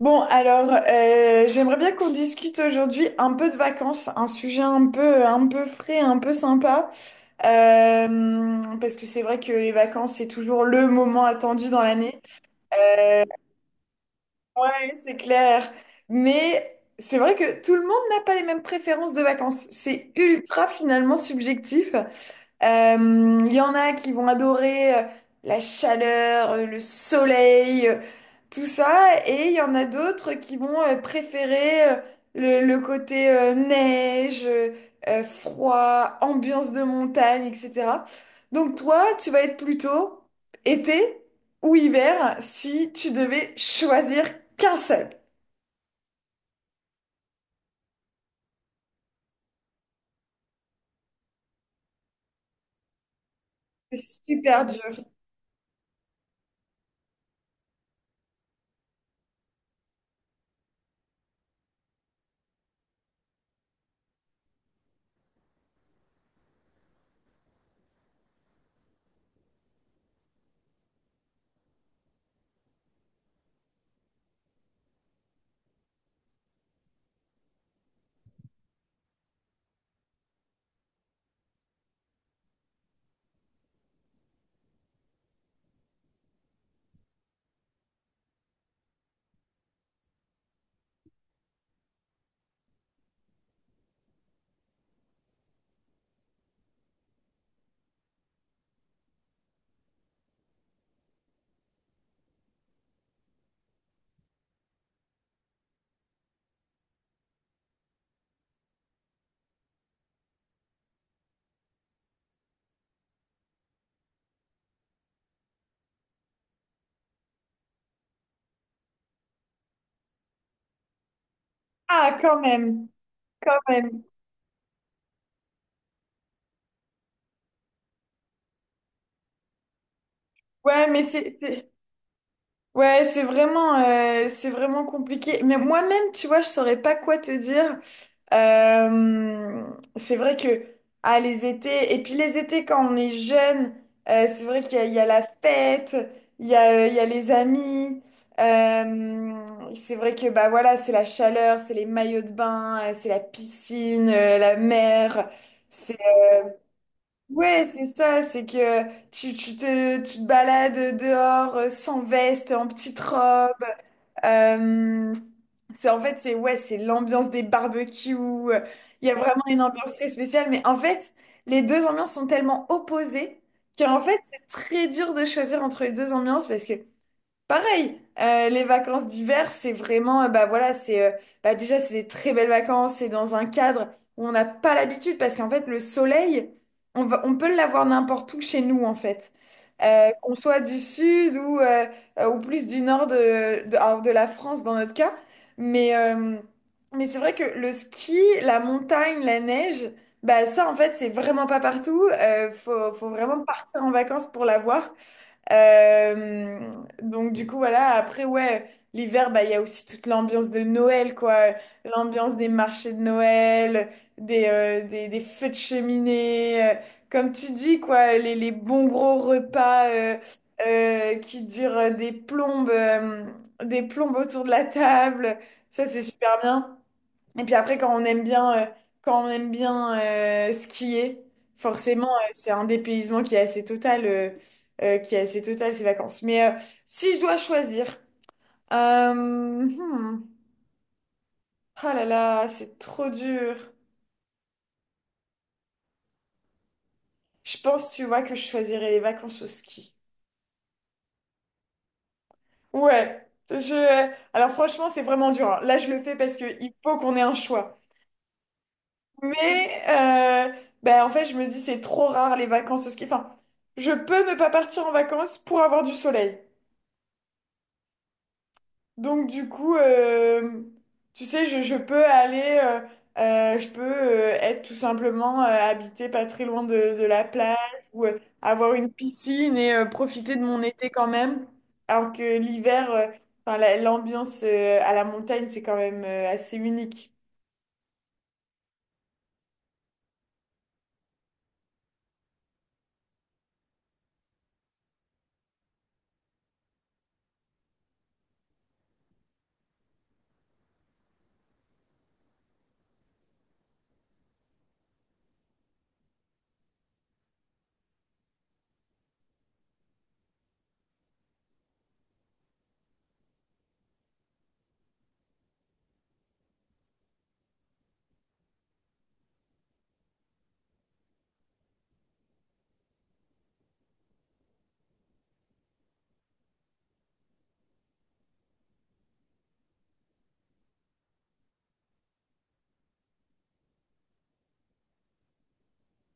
J'aimerais bien qu'on discute aujourd'hui un peu de vacances, un sujet un peu frais, un peu sympa. Parce que c'est vrai que les vacances, c'est toujours le moment attendu dans l'année. Euh, ouais, c'est clair. Mais c'est vrai que tout le monde n'a pas les mêmes préférences de vacances. C'est ultra finalement subjectif. Euh, Il y en a qui vont adorer la chaleur, le soleil, tout ça. Et il y en a d'autres qui vont préférer le côté neige, froid, ambiance de montagne, etc. Donc toi, tu vas être plutôt été ou hiver si tu devais choisir qu'un seul. C'est super dur. Ah, quand même, quand même. Ouais, mais c'est c'est- Ouais, c'est vraiment compliqué. Mais moi-même, tu vois, je saurais pas quoi te dire. Euh, c'est vrai que ah, les étés, et puis les étés quand on est jeune, c'est vrai il y a la fête, il y a les amis. C'est vrai que bah voilà, c'est la chaleur, c'est les maillots de bain, c'est la piscine, la mer. C'est Ouais, c'est ça. C'est que tu te balades dehors sans veste, en petite robe. Euh, c'est en fait, c'est ouais, c'est l'ambiance des barbecues. Il y a vraiment une ambiance très spéciale, mais en fait, les deux ambiances sont tellement opposées qu'en fait, c'est très dur de choisir entre les deux ambiances parce que pareil, les vacances d'hiver, c'est vraiment, bah voilà, bah déjà, c'est des très belles vacances, c'est dans un cadre où on n'a pas l'habitude, parce qu'en fait, le soleil, on peut l'avoir n'importe où chez nous, en fait. Qu'on soit du sud ou plus du nord de la France, dans notre cas. Mais, euh, mais c'est vrai que le ski, la montagne, la neige, bah ça, en fait, c'est vraiment pas partout. Faut vraiment partir en vacances pour l'avoir. Euh, donc du coup voilà, après ouais, l'hiver bah il y a aussi toute l'ambiance de Noël quoi, l'ambiance des marchés de Noël, des feux de cheminée, comme tu dis quoi, les bons gros repas qui durent des plombes autour de la table, ça c'est super bien. Et puis après, quand on aime bien skier, forcément, c'est un dépaysement qui est assez total ces vacances. Si je dois choisir, euh, hmm, ah là là, c'est trop dur. Je pense, tu vois, que je choisirais les vacances au ski. Ouais. Je... Alors franchement, c'est vraiment dur, hein. Là, je le fais parce qu'il faut qu'on ait un choix. Mais euh, En fait, je me dis, c'est trop rare les vacances au ski. Enfin, je peux ne pas partir en vacances pour avoir du soleil. Donc, du coup, tu sais, je peux je peux être tout simplement habité pas très loin de la plage ou avoir une piscine et profiter de mon été quand même. Alors que l'hiver, euh, enfin, l'ambiance à la montagne, c'est quand même assez unique.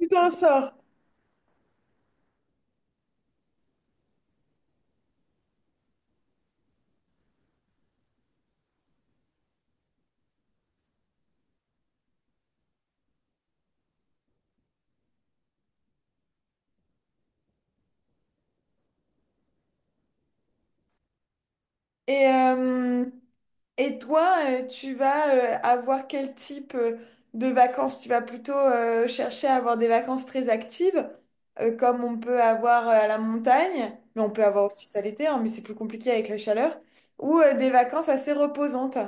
Tout en sort. Et. euh, Et toi, tu vas avoir quel type de vacances? Tu vas plutôt chercher à avoir des vacances très actives, comme on peut avoir à la montagne, mais on peut avoir aussi ça l'été, hein, mais c'est plus compliqué avec la chaleur, ou des vacances assez reposantes.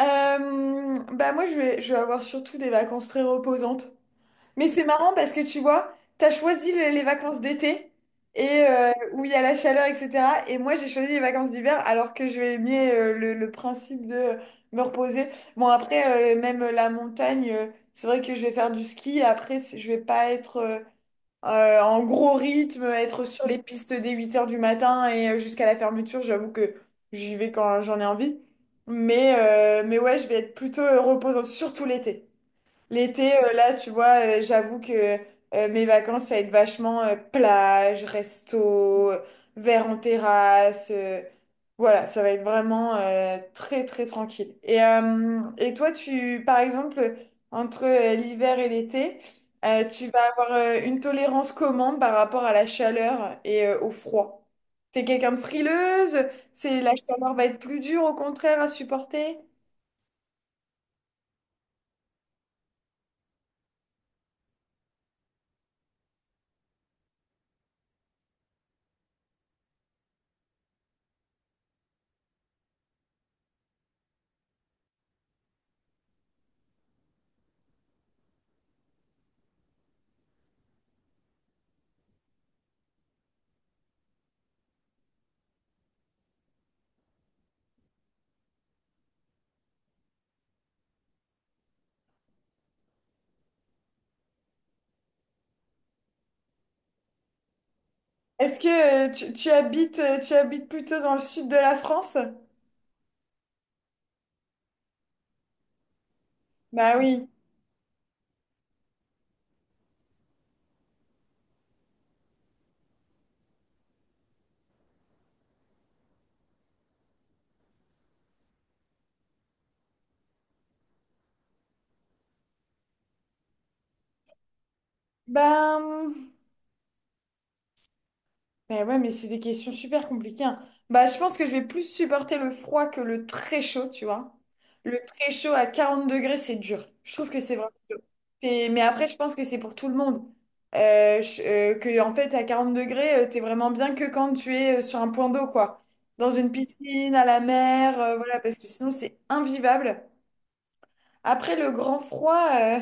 Bah moi, je vais avoir surtout des vacances très reposantes. Mais c'est marrant parce que tu vois, t'as choisi les vacances d'été et où il y a la chaleur, etc. Et moi, j'ai choisi les vacances d'hiver alors que je vais aimer le principe de me reposer. Même la montagne, c'est vrai que je vais faire du ski. Après, je vais pas être en gros rythme, être sur les pistes dès 8 heures du matin et jusqu'à la fermeture. J'avoue que j'y vais quand j'en ai envie. Mais ouais, je vais être plutôt reposante, surtout l'été. L'été, là, tu vois, j'avoue que mes vacances, ça va être vachement plage, resto, verre en terrasse. Voilà, ça va être vraiment très, très tranquille. Et toi, tu, par exemple, entre l'hiver et l'été, tu vas avoir une tolérance comment par rapport à la chaleur et au froid? T'es quelqu'un de frileuse? C'est, la chaleur va être plus dure, au contraire, à supporter? Est-ce que tu habites plutôt dans le sud de la France? Bah oui. Ben, Mais ouais, mais c'est des questions super compliquées, hein. Bah, je pense que je vais plus supporter le froid que le très chaud, tu vois. Le très chaud à 40 degrés, c'est dur. Je trouve que c'est vraiment dur. Et- mais après, je pense que c'est pour tout le monde. En fait, à 40 degrés, t'es vraiment bien que quand tu es sur un point d'eau, quoi. Dans une piscine, à la mer, voilà, parce que sinon, c'est invivable. Après le grand froid,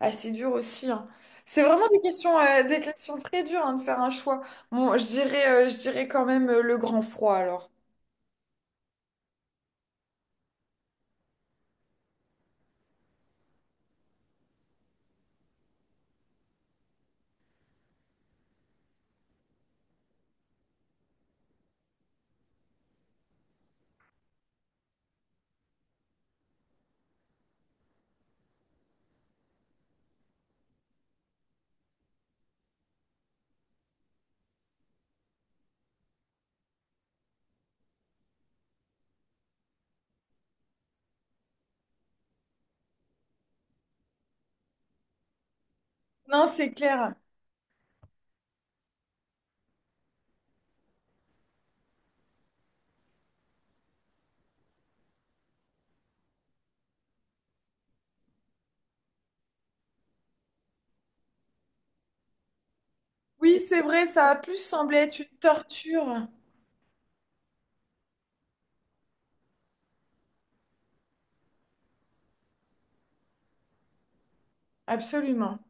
ah, c'est dur aussi, hein. C'est vraiment des questions très dures hein, de faire un choix. Je dirais quand même le grand froid alors. Non, c'est clair. Oui, c'est vrai, ça a plus semblé être une torture. Absolument.